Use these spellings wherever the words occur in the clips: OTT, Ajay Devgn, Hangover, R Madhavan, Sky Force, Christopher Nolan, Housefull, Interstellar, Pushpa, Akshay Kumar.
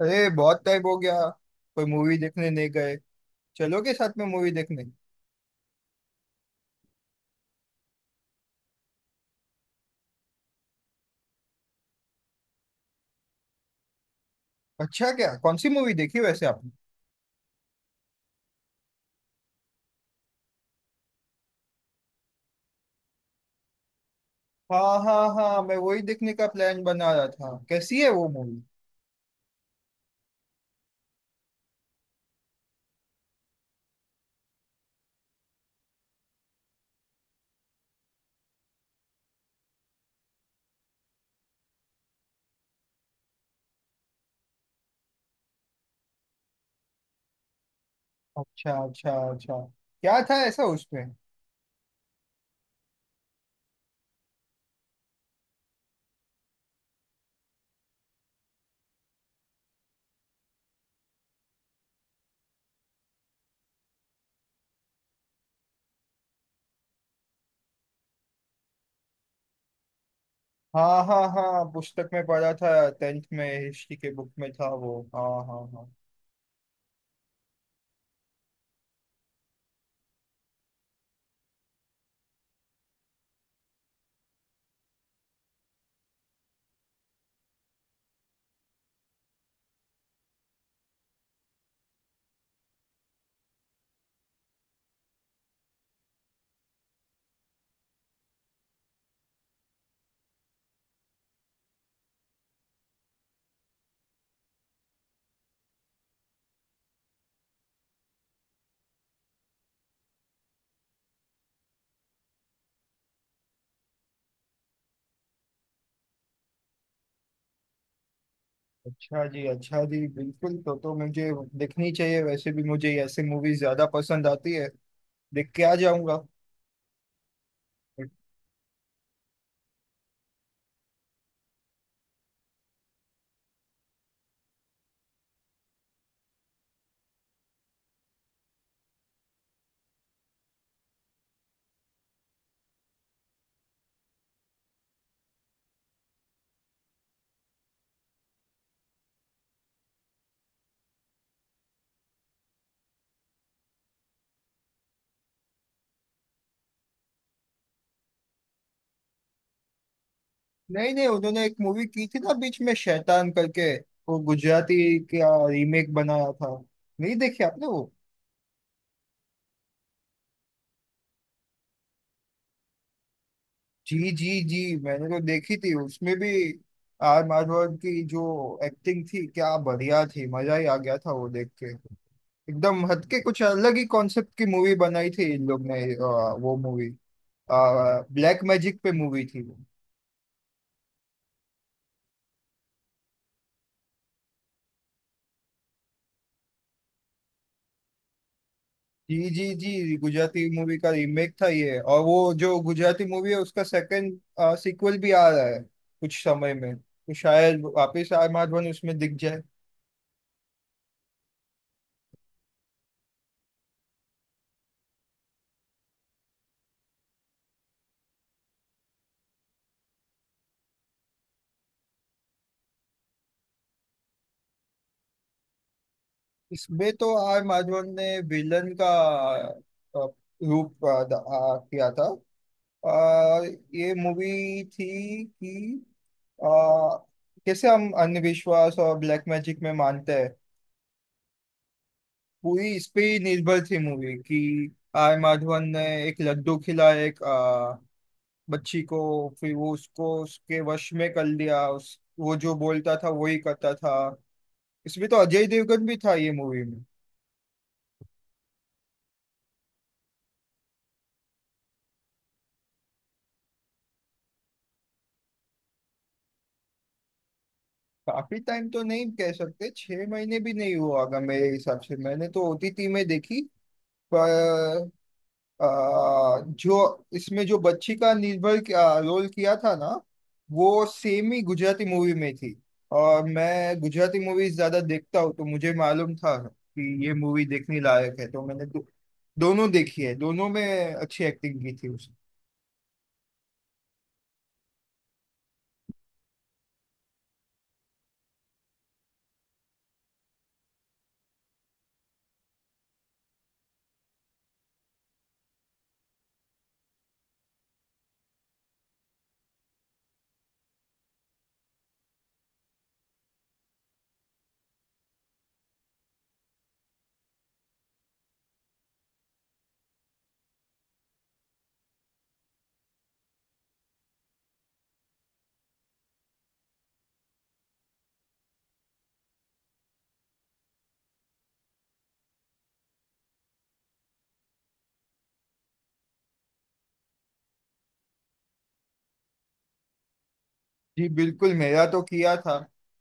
अरे बहुत टाइम हो गया। कोई मूवी देखने नहीं गए। चलोगे साथ में मूवी देखने। अच्छा क्या कौन सी मूवी देखी वैसे आपने। हाँ हाँ हाँ मैं वही देखने का प्लान बना रहा था। कैसी है वो मूवी। अच्छा अच्छा अच्छा। क्या था ऐसा उसमें। हाँ हाँ हाँ पुस्तक में पढ़ा था। टेंथ में हिस्ट्री के बुक में था वो। हाँ हाँ हाँ। अच्छा जी अच्छा जी बिल्कुल। तो मुझे देखनी चाहिए। वैसे भी मुझे ऐसे मूवी ज्यादा पसंद आती है। देख के आ जाऊंगा। नहीं नहीं उन्होंने एक मूवी की थी ना बीच में शैतान करके। वो गुजराती का रीमेक बनाया था। नहीं देखी आपने वो। जी जी जी। मैंने तो देखी थी। उसमें भी आर माधवन की जो एक्टिंग थी क्या बढ़िया थी। मजा ही आ गया था वो देख के। एकदम हटके कुछ अलग ही कॉन्सेप्ट की मूवी बनाई थी इन लोग ने वो मूवी। ब्लैक मैजिक पे मूवी थी। जी जी जी। गुजराती मूवी का रीमेक था ये। और वो जो गुजराती मूवी है उसका सेकंड सीक्वल भी आ रहा है। कुछ समय में तो शायद वापस आर माधवन उसमें दिख जाए। इसमें तो आर माधवन ने विलन का अ, रूप किया था। अ, ये मूवी थी कि अ, कैसे हम अंधविश्वास और ब्लैक मैजिक में मानते हैं। पूरी इस पे ही निर्भर थी मूवी कि आर माधवन ने एक लड्डू खिला एक बच्ची को। फिर वो उसको उसके वश में कर लिया। उस वो जो बोलता था वही करता था। इसमें तो अजय देवगन भी था ये मूवी में। काफी टाइम तो नहीं कह सकते। 6 महीने भी नहीं हुआ होगा मेरे हिसाब से। मैंने तो ओटीटी में देखी। पर अ, जो इसमें जो बच्ची का रोल किया था ना वो सेम ही गुजराती मूवी में थी। और मैं गुजराती मूवी ज्यादा देखता हूँ। तो मुझे मालूम था कि ये मूवी देखने लायक है। तो मैंने दोनों देखी है। दोनों में अच्छी एक्टिंग की थी उसने। जी बिल्कुल मेरा तो किया था।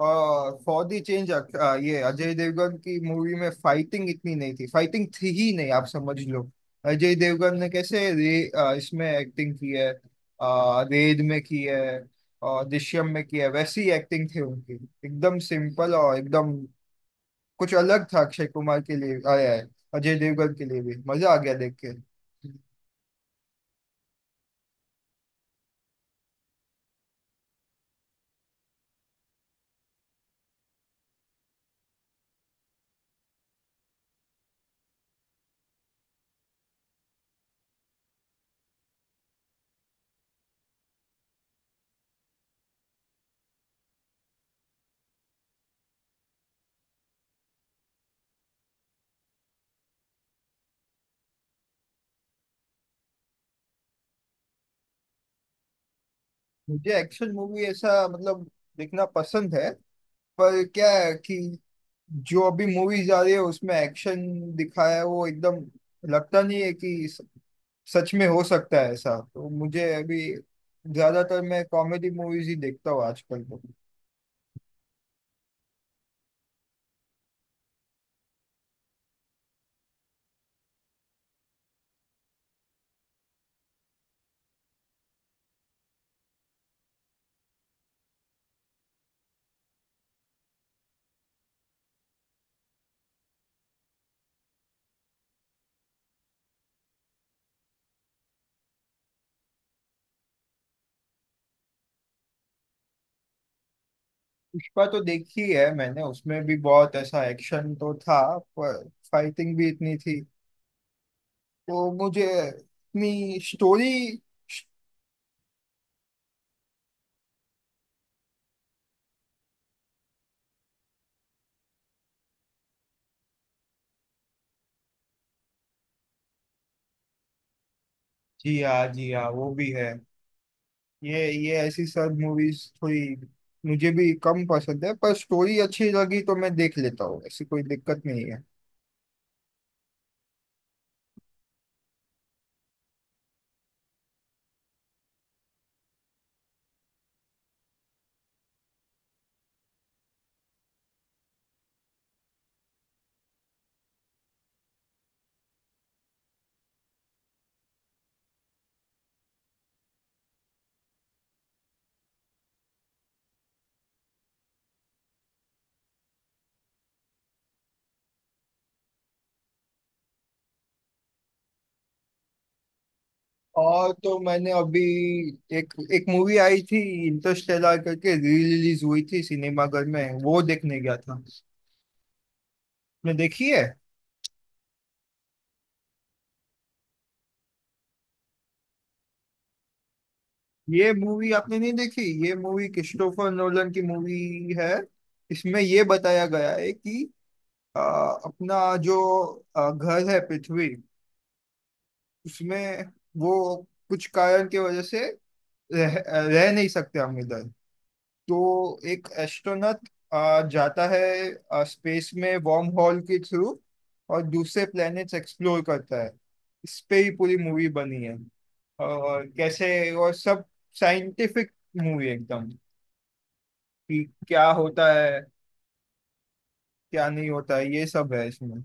और फॉर द चेंज ये अजय देवगन की मूवी में फाइटिंग इतनी नहीं थी। फाइटिंग थी ही नहीं आप समझ लो। अजय देवगन ने कैसे रे, इसमें एक्टिंग की है, रेड में की है और दृश्यम में की है वैसी एक्टिंग थी उनकी। एकदम सिंपल और एकदम कुछ अलग था। अक्षय कुमार के लिए आया है, अजय देवगन के लिए भी मजा आ गया देख के। मुझे एक्शन मूवी ऐसा मतलब देखना पसंद है। पर क्या है कि जो अभी मूवीज आ रही है उसमें एक्शन दिखाया है वो एकदम लगता नहीं है कि सच में हो सकता है ऐसा। तो मुझे अभी ज्यादातर मैं कॉमेडी मूवीज ही देखता हूँ आजकल तो। पुष्पा तो देखी है मैंने। उसमें भी बहुत ऐसा एक्शन तो था पर फाइटिंग भी इतनी थी तो मुझे इतनी स्टोरी। जी हाँ जी हाँ वो भी है। ये ऐसी सब मूवीज थोड़ी मुझे भी कम पसंद है। पर स्टोरी अच्छी लगी तो मैं देख लेता हूँ। ऐसी कोई दिक्कत नहीं है। और तो मैंने अभी एक एक मूवी आई थी इंटरस्टेलर करके। री रिलीज हुई थी सिनेमाघर में। वो देखने गया था आपने। देखी है। ये मूवी आपने नहीं देखी। ये मूवी क्रिस्टोफर नोलन की मूवी है। इसमें ये बताया गया है कि अ, अपना जो घर है पृथ्वी। उसमें वो कुछ कारण की वजह से रह, रह नहीं सकते हम इधर। तो एक एस्ट्रोनॉट जाता है स्पेस में वॉर्म हॉल के थ्रू। और दूसरे प्लैनेट्स एक्सप्लोर करता है। इस पे ही पूरी मूवी बनी है। और कैसे और सब साइंटिफिक मूवी एकदम। कि क्या होता है क्या नहीं होता है ये सब है इसमें।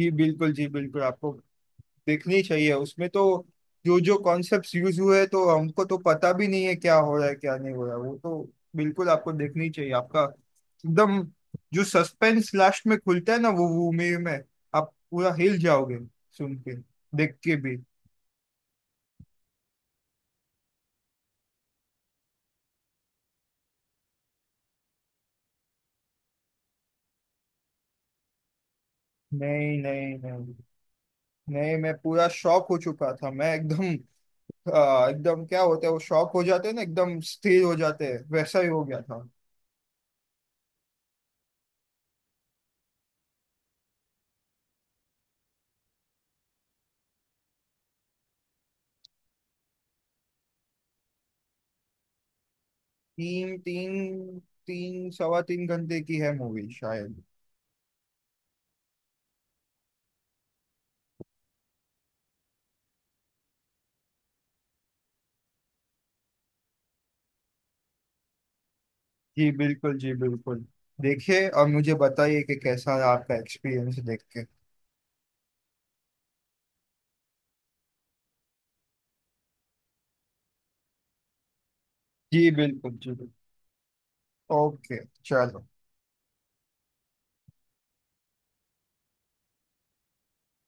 जी बिल्कुल आपको देखनी चाहिए। उसमें तो जो जो कॉन्सेप्ट्स यूज हुए हैं, तो हमको तो पता भी नहीं है क्या हो रहा है क्या नहीं हो रहा है। वो तो बिल्कुल आपको देखनी चाहिए। आपका एकदम जो सस्पेंस लास्ट में खुलता है ना वो मूवी में आप पूरा हिल जाओगे सुन के, देख के भी। नहीं नहीं नहीं। नहीं मैं पूरा शॉक हो चुका था। मैं एकदम एकदम क्या होता है वो शॉक हो जाते हैं ना, एकदम स्थिर हो जाते हैं, वैसा ही हो गया था। तीन तीन तीन 3¼ घंटे की है मूवी शायद। जी बिल्कुल जी बिल्कुल। देखिए और मुझे बताइए कि कैसा है आपका एक्सपीरियंस देख के। जी बिल्कुल जी बिल्कुल। ओके चलो।